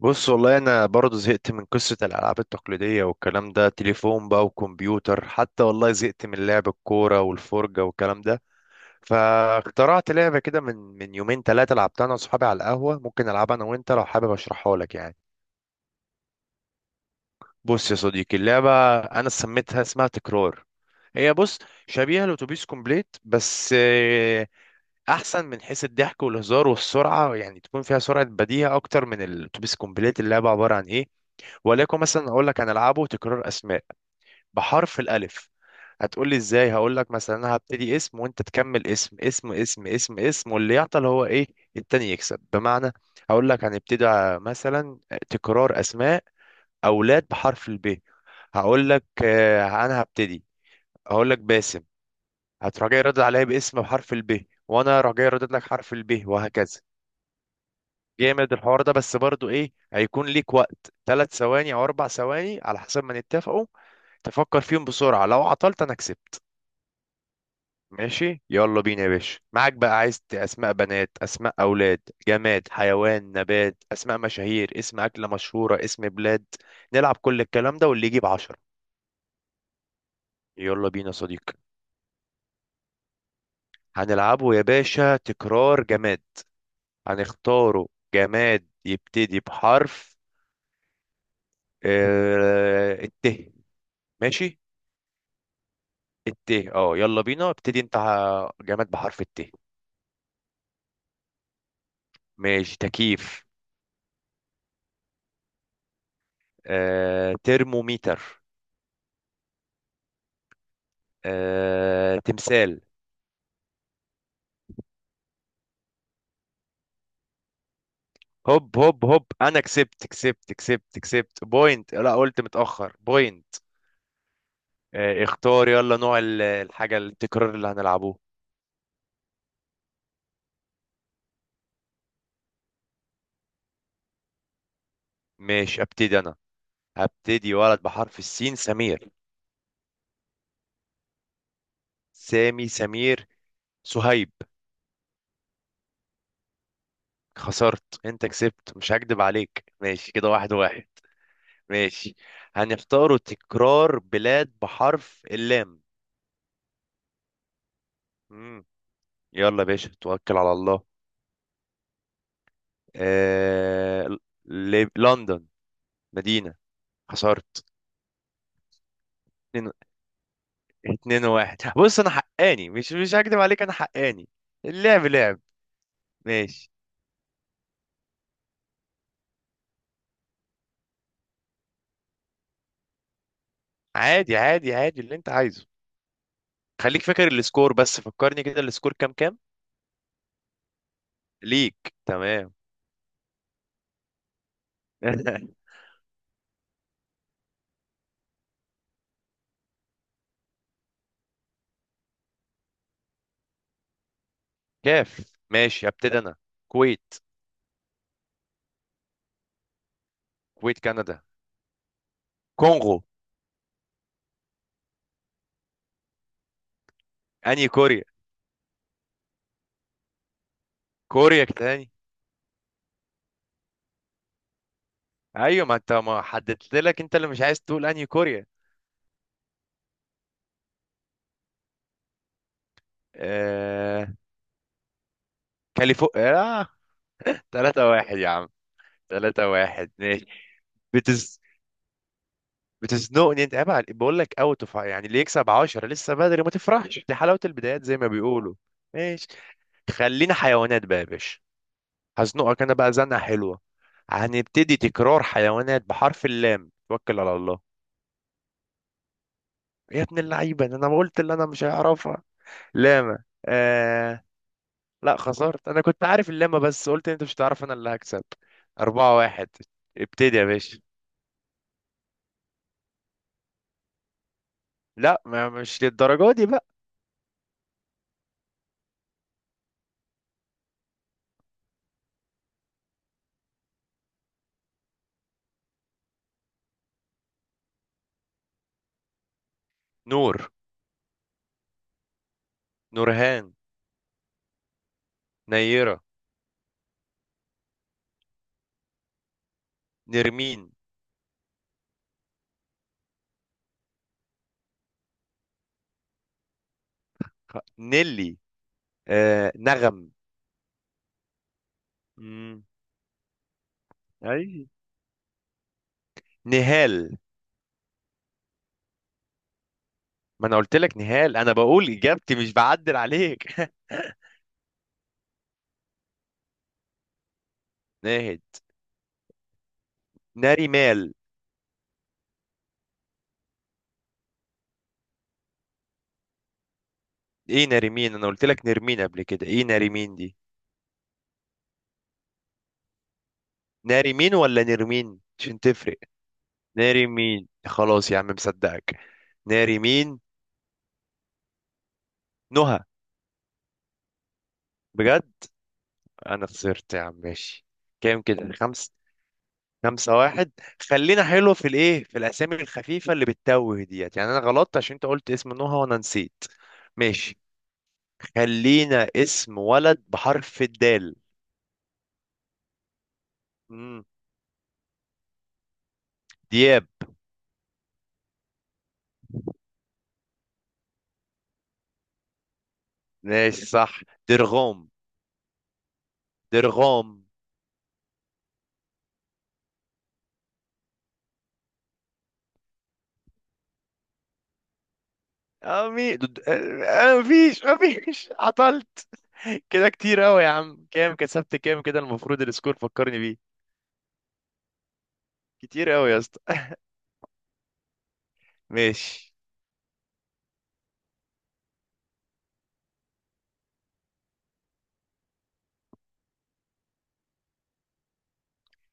بص، والله انا برضه زهقت من قصه الالعاب التقليديه والكلام ده، تليفون بقى وكمبيوتر، حتى والله زهقت من لعب الكوره والفرجه والكلام ده. فاخترعت لعبه كده من يومين ثلاثه، لعبتها انا واصحابي على القهوه. ممكن العبها انا وانت لو حابب اشرحها لك يعني. بص يا صديقي، اللعبه انا سميتها، اسمها تكرار. هي بص، شبيهه لاتوبيس كومبليت بس احسن من حيث الضحك والهزار والسرعه، يعني تكون فيها سرعه بديهه اكتر من الاتوبيس كومبليت. اللعبه عباره عن ايه؟ وليكن مثلا اقول لك هنلعبه تكرار اسماء بحرف الالف. هتقول لي ازاي؟ هقول لك مثلا انا هبتدي اسم، وانت تكمل اسم اسم اسم اسم اسم، واللي يعطل هو ايه؟ التاني يكسب، بمعنى هقول لك هنبتدي مثلا، تكرار اسماء اولاد بحرف الب. هقول لك انا هبتدي، هقول لك باسم. هتروح جاي رد عليا باسم بحرف الب، وانا راح جاي ردد لك حرف الب وهكذا. جامد الحوار ده، بس برضو ايه، هيكون ليك وقت ثلاث ثواني او اربع ثواني على حسب ما نتفقوا. تفكر فيهم بسرعة، لو عطلت أنا كسبت. ماشي يلا بينا يا باشا، معاك بقى عايز أسماء بنات، أسماء أولاد، جماد، حيوان، نبات، أسماء مشاهير، اسم أكلة مشهورة، اسم بلاد، نلعب كل الكلام ده واللي يجيب عشرة. يلا بينا يا صديقي. هنلعبه يا باشا تكرار جماد، هنختاره جماد يبتدي بحرف الت. ماشي الت، اه يلا بينا، ابتدي انت جماد بحرف الت. ماشي، تكييف. ترموميتر. تمثال. هوب هوب هوب، انا كسبت كسبت كسبت كسبت بوينت، لا قلت متأخر بوينت. اختار يلا نوع الحاجة التكرار اللي هنلعبوه. ماشي ابتدي انا، هبتدي ولد بحرف السين. سمير. سامي، سمير، سهيب. خسرت، انت كسبت، مش هكدب عليك. ماشي كده واحد واحد. ماشي هنختاروا تكرار بلاد بحرف اللام. مم. يلا يا باشا، توكل على الله. آه... لندن مدينة. خسرت. اتنين. اتنين واحد، بص انا حقاني، مش هكدب عليك، انا حقاني. اللعب لعب. ماشي. عادي عادي عادي اللي انت عايزه. خليك فاكر السكور بس، فكرني كده السكور كام كام؟ ليك تمام. كاف ماشي، ابتدي انا. كويت. كويت، كندا، كونغو. انهي كوريا؟ كوريا تاني. ايوه، ما انت ما حددت لك، انت اللي مش عايز تقول انهي كوريا. آه... كاليفورنيا. آه... 3 واحد يا عم. 3 واحد. ماشي. بتزنقني انت، عيب عليك، بقول لك اوت اوف يعني، اللي يكسب 10 لسه بدري، ما تفرحش، دي حلاوه البدايات زي ما بيقولوا. ماشي. خلينا حيوانات بقى يا باشا. هزنقك انا بقى زنقه حلوه. هنبتدي تكرار حيوانات بحرف اللام، توكل على الله. يا ابن اللعيبه ده، انا ما قلت اللي انا مش هعرفها. لاما. آه... لا خسرت، انا كنت عارف اللاما بس قلت انت مش هتعرف، انا اللي هكسب. أربعة واحد. ابتدي يا باشا. لا، ما مش للدرجه دي بقى. نور، نورهان، نيره، نرمين، نيلي، آه نغم. مم. اي. نهال. ما انا قلت لك نهال، انا بقول اجابتي، مش بعدل عليك. ناهد. ناريمال. ايه ناريمين؟ انا قلت لك نرمين قبل كده، ايه ناريمين دي؟ ناريمين ولا نرمين؟ عشان تفرق. ناريمين، خلاص يا عم مصدقك. ناريمين. نهى. بجد؟ انا خسرت يا عم. ماشي. كام كده؟ خمسة. خمسة واحد. خلينا حلو في الاسامي الخفيفة اللي بتتوه ديت، يعني انا غلطت عشان انت قلت اسم نهى وانا نسيت. ماشي. خلينا اسم ولد بحرف الدال. مم. دياب. ماشي صح. درغوم. درغوم. أمي مفيش عطلت. كده كتير أوي يا عم. كام كسبت؟ كام كده؟ المفروض السكور فكرني بيه. كتير أوي يا اسطى. ماشي.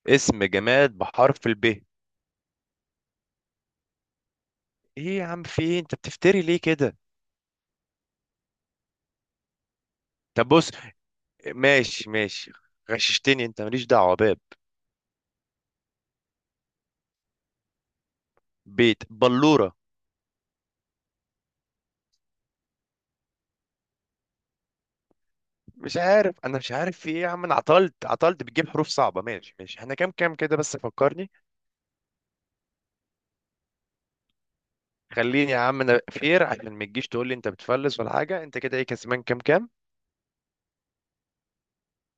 اسم جماد بحرف الب؟ ايه يا عم؟ في ايه؟ انت بتفتري ليه كده؟ طب بص. ماشي ماشي. غششتني انت، ماليش دعوه باب. بيت، بلوره. مش عارف، انا مش عارف في ايه يا عم، انا عطلت عطلت، بتجيب حروف صعبه. ماشي ماشي. احنا كام كام كده بس فكرني. خليني يا عم انا فير، عشان ما تجيش تقول لي انت بتفلس ولا حاجه. انت كده ايه كسبان كام كام؟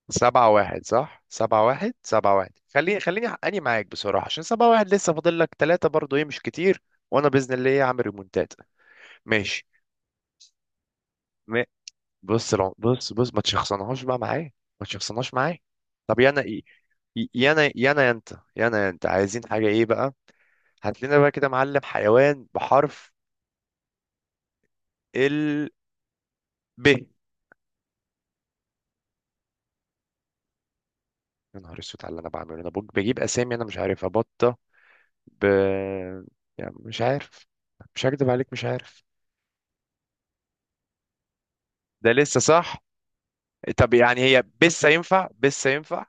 سبعة واحد، صح؟ سبعة واحد، سبعة واحد، خليني خليني حقاني معاك بصراحة، عشان سبعة واحد لسه فاضل لك تلاتة برضو ايه، مش كتير. وانا بإذن الله ايه، عامل ريمونتات. ماشي. ما- بص بص بص، ما تشخصنهاش بقى معايا. ما تشخصنهاش معايا. طب يا انا ايه؟ يانا يانا انت، يانا انت عايزين حاجة ايه بقى؟ هات لنا بقى كده معلم، حيوان بحرف ال ب يا. نهار اسود على اللي انا بعمله، انا بجيب اسامي انا مش عارفها. بطة. ب، يعني مش عارف، مش هكدب عليك، مش عارف. ده لسه صح. طب يعني هي بس ينفع، بس ينفع.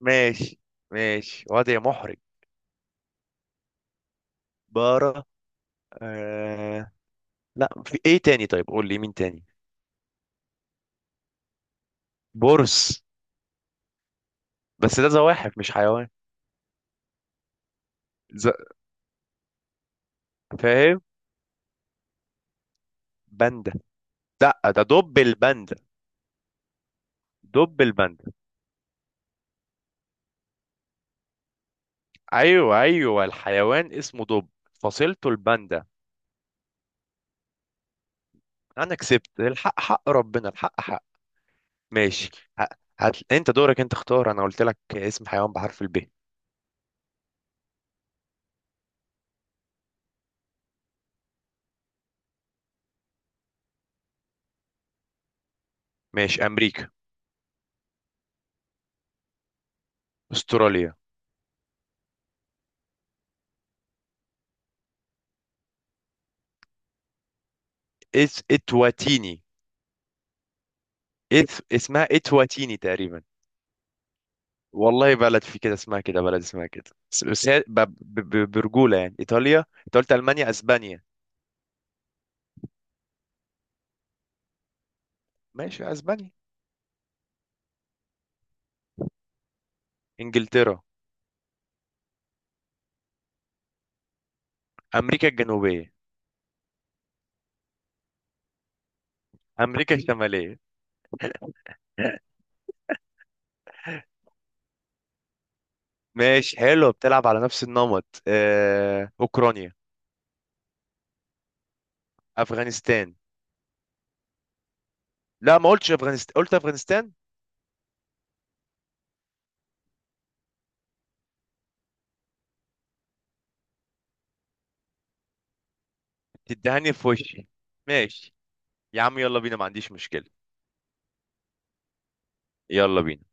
ماشي ماشي، وضع محرج. بارة. آه... لا في ايه تاني؟ طيب قول لي مين تاني. برص. بس ده زواحف مش حيوان. ز... فاهم. باندا. لا ده دب الباندا. دب الباندا. ايوه ايوه، الحيوان اسمه دب، فصيلته الباندا. انا كسبت، الحق حق ربنا، الحق حق. ماشي. ه- هات انت دورك، انت اختار انا قلت لك اسم حيوان بحرف الب. ماشي. امريكا. استراليا. اس اتواتيني. اسمها اتواتيني تقريبا. والله بلد في كده اسمها كده، بلد اسمها كده. بس هي برجولة يعني، ايطاليا، انت قلت المانيا، اسبانيا. ماشي، اسبانيا. انجلترا. امريكا الجنوبية. امريكا الشمالية. ماشي حلو، بتلعب على نفس النمط. أوكرانيا. أفغانستان. لا ما قلتش أفغانستان، قلت أفغانستان. تدهني في وشي. ماشي يا عم، يلا بينا ما عنديش مشكلة. يلا بينا.